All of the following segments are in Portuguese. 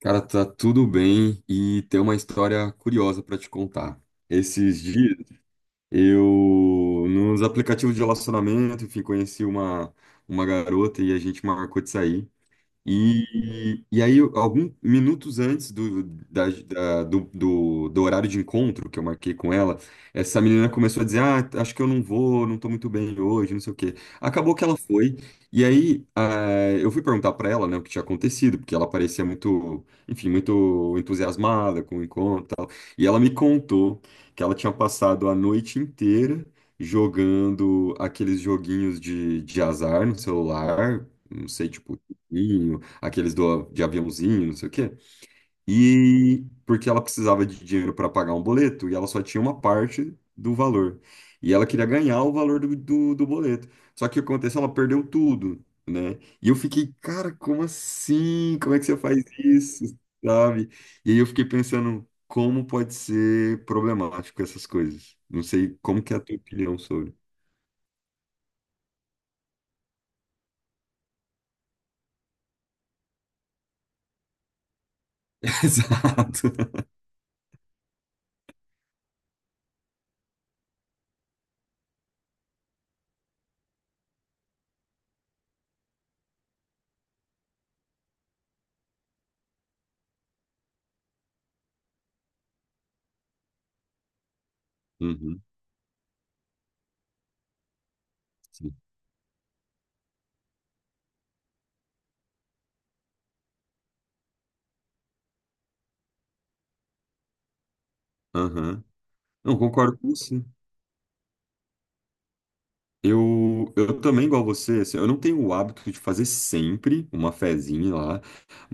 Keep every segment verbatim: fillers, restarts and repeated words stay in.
Cara, tá tudo bem e tem uma história curiosa pra te contar. Esses dias eu nos aplicativos de relacionamento, enfim, conheci uma uma garota e a gente marcou de sair. E, e aí, alguns minutos antes do, da- da- do, do, do horário de encontro que eu marquei com ela, essa menina começou a dizer: Ah, acho que eu não vou, não tô muito bem hoje, não sei o quê. Acabou que ela foi. E aí, ah, eu fui perguntar pra ela, né, o que tinha acontecido, porque ela parecia muito, enfim, muito entusiasmada com o encontro e tal. E ela me contou que ela tinha passado a noite inteira jogando aqueles joguinhos de, de azar no celular. Não sei, tipo. E aqueles do, de aviãozinho, não sei o quê. E porque ela precisava de dinheiro para pagar um boleto e ela só tinha uma parte do valor. E ela queria ganhar o valor do, do, do boleto. Só que o que aconteceu? Ela perdeu tudo, né? E eu fiquei, cara, como assim? Como é que você faz isso? Sabe? E aí eu fiquei pensando, como pode ser problemático essas coisas? Não sei como que é a tua opinião sobre. Exato. Uhum, sim. Aham. Não, concordo com você. Eu, eu também, igual você, assim, eu não tenho o hábito de fazer sempre uma fezinha lá,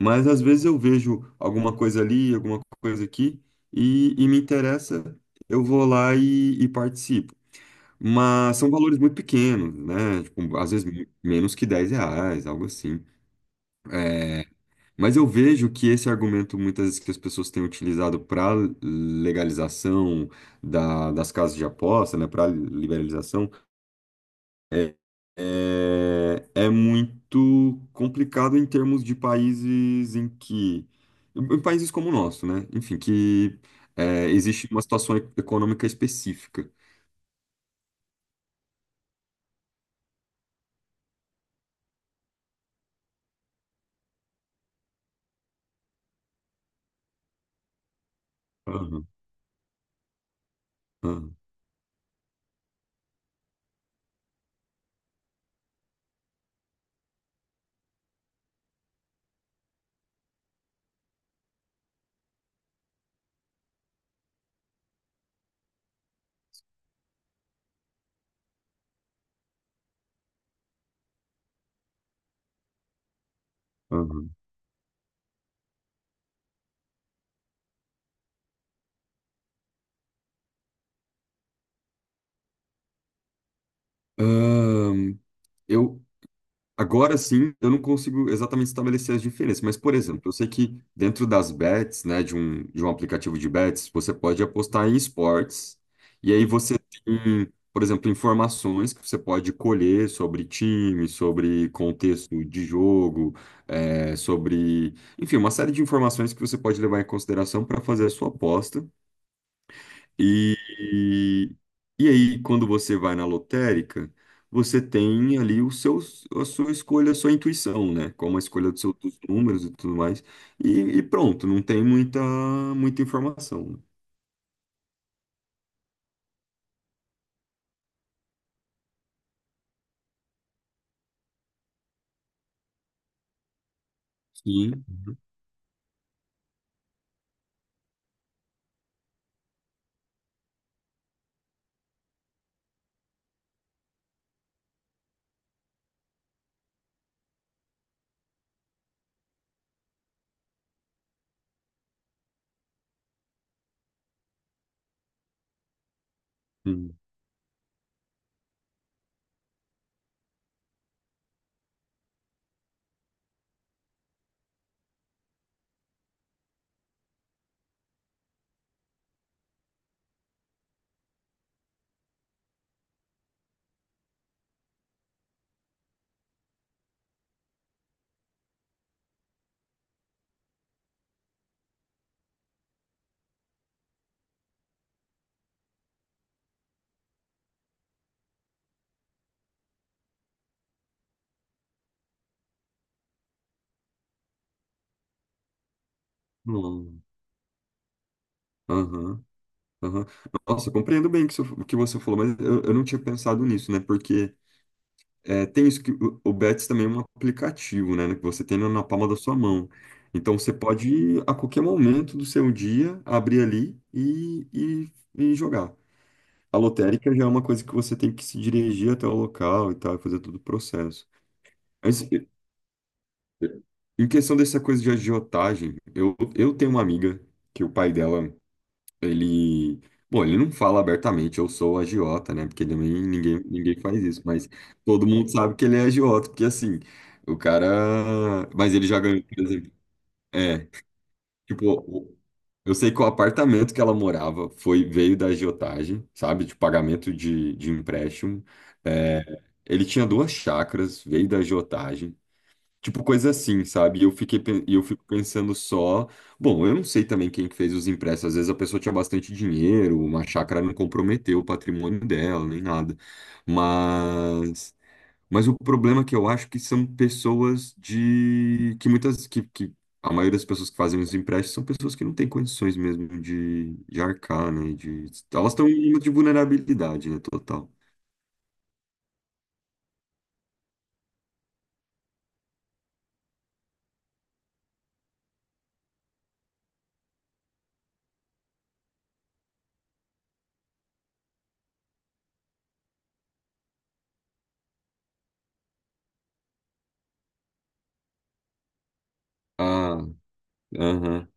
mas às vezes eu vejo alguma coisa ali, alguma coisa aqui, e, e me interessa, eu vou lá e, e participo. Mas são valores muito pequenos, né? Tipo, às vezes me- menos que dez reais, algo assim. É, mas eu vejo que esse argumento, muitas vezes, que as pessoas têm utilizado para legalização da- das casas de aposta, né? Para liberalização é, é, é muito complicado em termos de países em que. Em países como o nosso, né? Enfim, que é, existe uma situação e- econômica específica. Aham, aham, aham. Ahn, eu, Agora sim, eu não consigo exatamente estabelecer as diferenças, mas, por exemplo, eu sei que dentro das bets, né, de um, de um aplicativo de bets, você pode apostar em esportes, e aí você tem, por exemplo, informações que você pode colher sobre time, sobre contexto de jogo, eh, sobre, enfim, uma série de informações que você pode levar em consideração para fazer a sua aposta, e, e, e aí, quando você vai na lotérica, você tem ali o seu, a sua escolha, a sua intuição, né? Como a escolha do seu- dos números e tudo mais. E, e pronto, não tem muita, muita informação, né? Sim. Hum. Hum. Aham, aham. Nossa, eu compreendo bem o que você o que você falou, mas eu, eu não tinha pensado nisso, né? Porque É, tem isso que o, o Betis também é um aplicativo, né, que você tem na, na palma da sua mão. Então você pode a qualquer momento do seu dia abrir ali e, e, e jogar. A lotérica já é uma coisa que você tem que se dirigir até o local e tal, fazer todo o processo. Mas eh, em questão dessa coisa de agiotagem, eu, eu tenho uma amiga que o pai dela ele, bom, ele não fala abertamente, eu sou agiota, né? Porque também ninguém, ninguém faz isso, mas todo mundo sabe que ele é agiota, porque assim, o cara, mas ele já ganhou, por exemplo, é, tipo, o- eu sei que o apartamento que ela morava foi veio da agiotagem, sabe? De pagamento de, de empréstimo. É, ele tinha duas chácaras, veio da agiotagem. Tipo, coisa assim, sabe? E eu fiquei, pen- e eu fico pensando só. Bom, eu não sei também quem que fez os empréstimos. Às vezes a pessoa tinha bastante dinheiro, uma chácara não comprometeu o patrimônio dela, nem nada. Mas, mas o problema é que eu acho que são pessoas de. Que muitas. que, que a maioria das pessoas que fazem os empréstimos são pessoas que não têm condições mesmo de, de arcar, né? De, elas estão em uma de vulnerabilidade, né? Total. Ah, aham,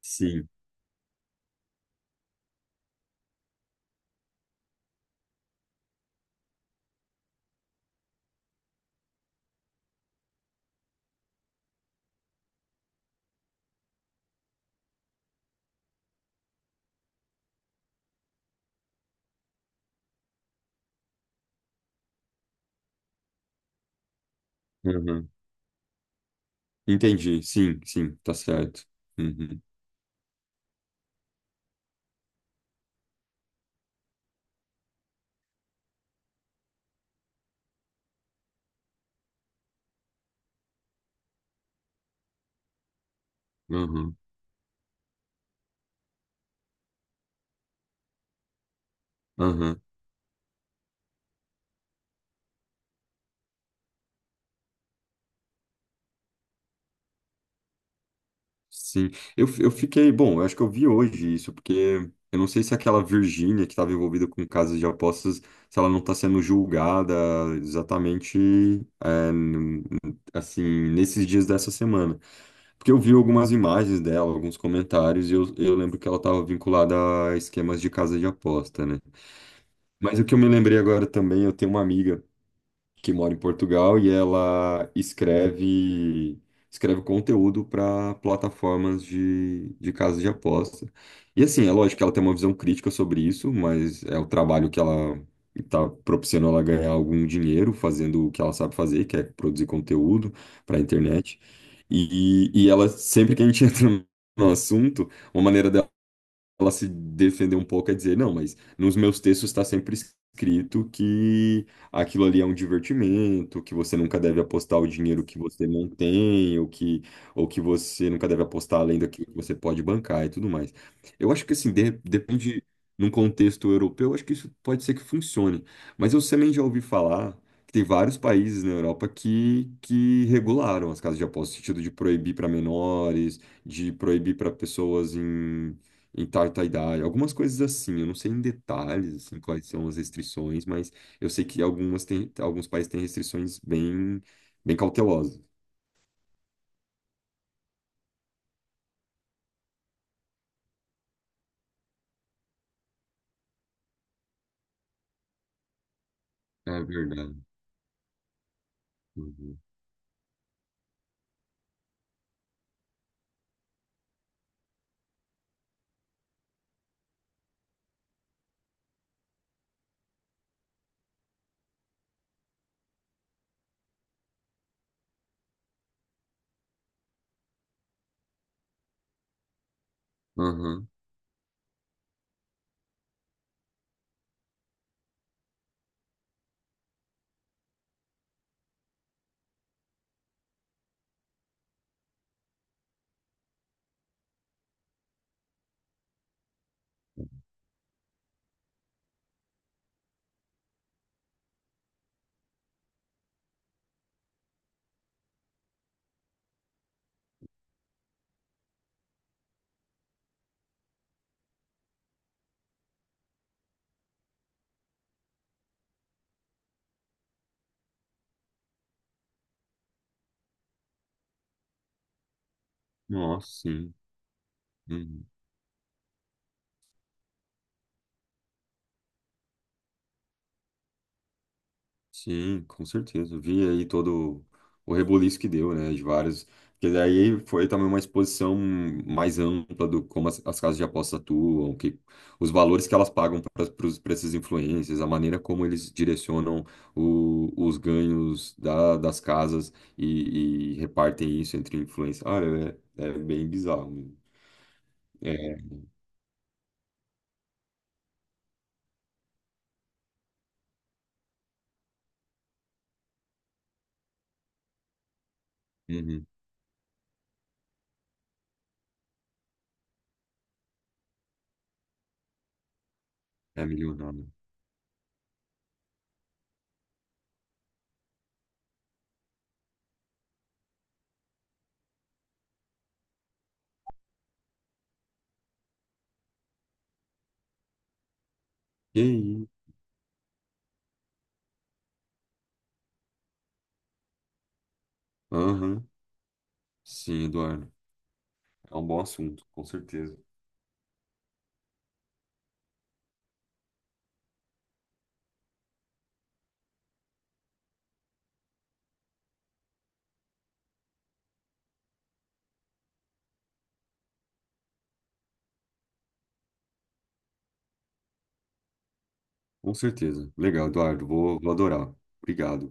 sim. Entendi, sim, sim, tá certo. Uhum, uhum, uhum, sim. Eu, eu fiquei, bom, eu acho que eu vi hoje isso, porque eu não sei se aquela Virgínia que estava envolvida com casas de apostas, se ela não está sendo julgada exatamente, é, n- n- assim, nesses dias dessa semana. Porque eu vi algumas imagens dela, alguns comentários, e eu, eu lembro que ela estava vinculada a esquemas de casa de aposta, né? Mas o que eu me lembrei agora também, eu tenho uma amiga que mora em Portugal e ela escreve escreve conteúdo para plataformas de, de casas de aposta. E assim, é lógico que ela tem uma visão crítica sobre isso, mas é o trabalho que ela está propiciando ela ganhar algum dinheiro fazendo o que ela sabe fazer, que é produzir conteúdo para a internet. E, e ela, sempre que a gente entra no assunto, uma maneira dela ela se defender um pouco é dizer, não, mas nos meus textos está sempre escrito que aquilo ali é um divertimento, que você nunca deve apostar o dinheiro que você não tem, ou que, ou que você nunca deve apostar além daquilo que você pode bancar e tudo mais. Eu acho que assim, de- depende, num contexto europeu, eu acho que isso pode ser que funcione. Mas eu também já ouvi falar que tem vários países na Europa que, que regularam as casas de aposta, no sentido de proibir para menores, de proibir para pessoas em, em tal, tal idade, algumas coisas assim, eu não sei em detalhes assim quais são as restrições, mas eu sei que algumas têm, alguns países têm restrições bem, bem cautelosas. É verdade. Uhum. Aham. Nossa, sim. Uhum. Sim, com certeza. Eu vi aí todo o rebuliço que deu, né? De vários. Porque daí foi também uma exposição mais ampla do como as, as casas de aposta atuam, que, os valores que elas pagam para esses influências, a maneira como eles direcionam o- os ganhos da- das casas e, e repartem isso entre influências. Ah, é, é bem bizarro. É, uhum, é milionário. E aí? Aham, sim, Eduardo. É um bom assunto, com certeza. Com certeza. Legal, Eduardo. Vou, vou adorar. Obrigado.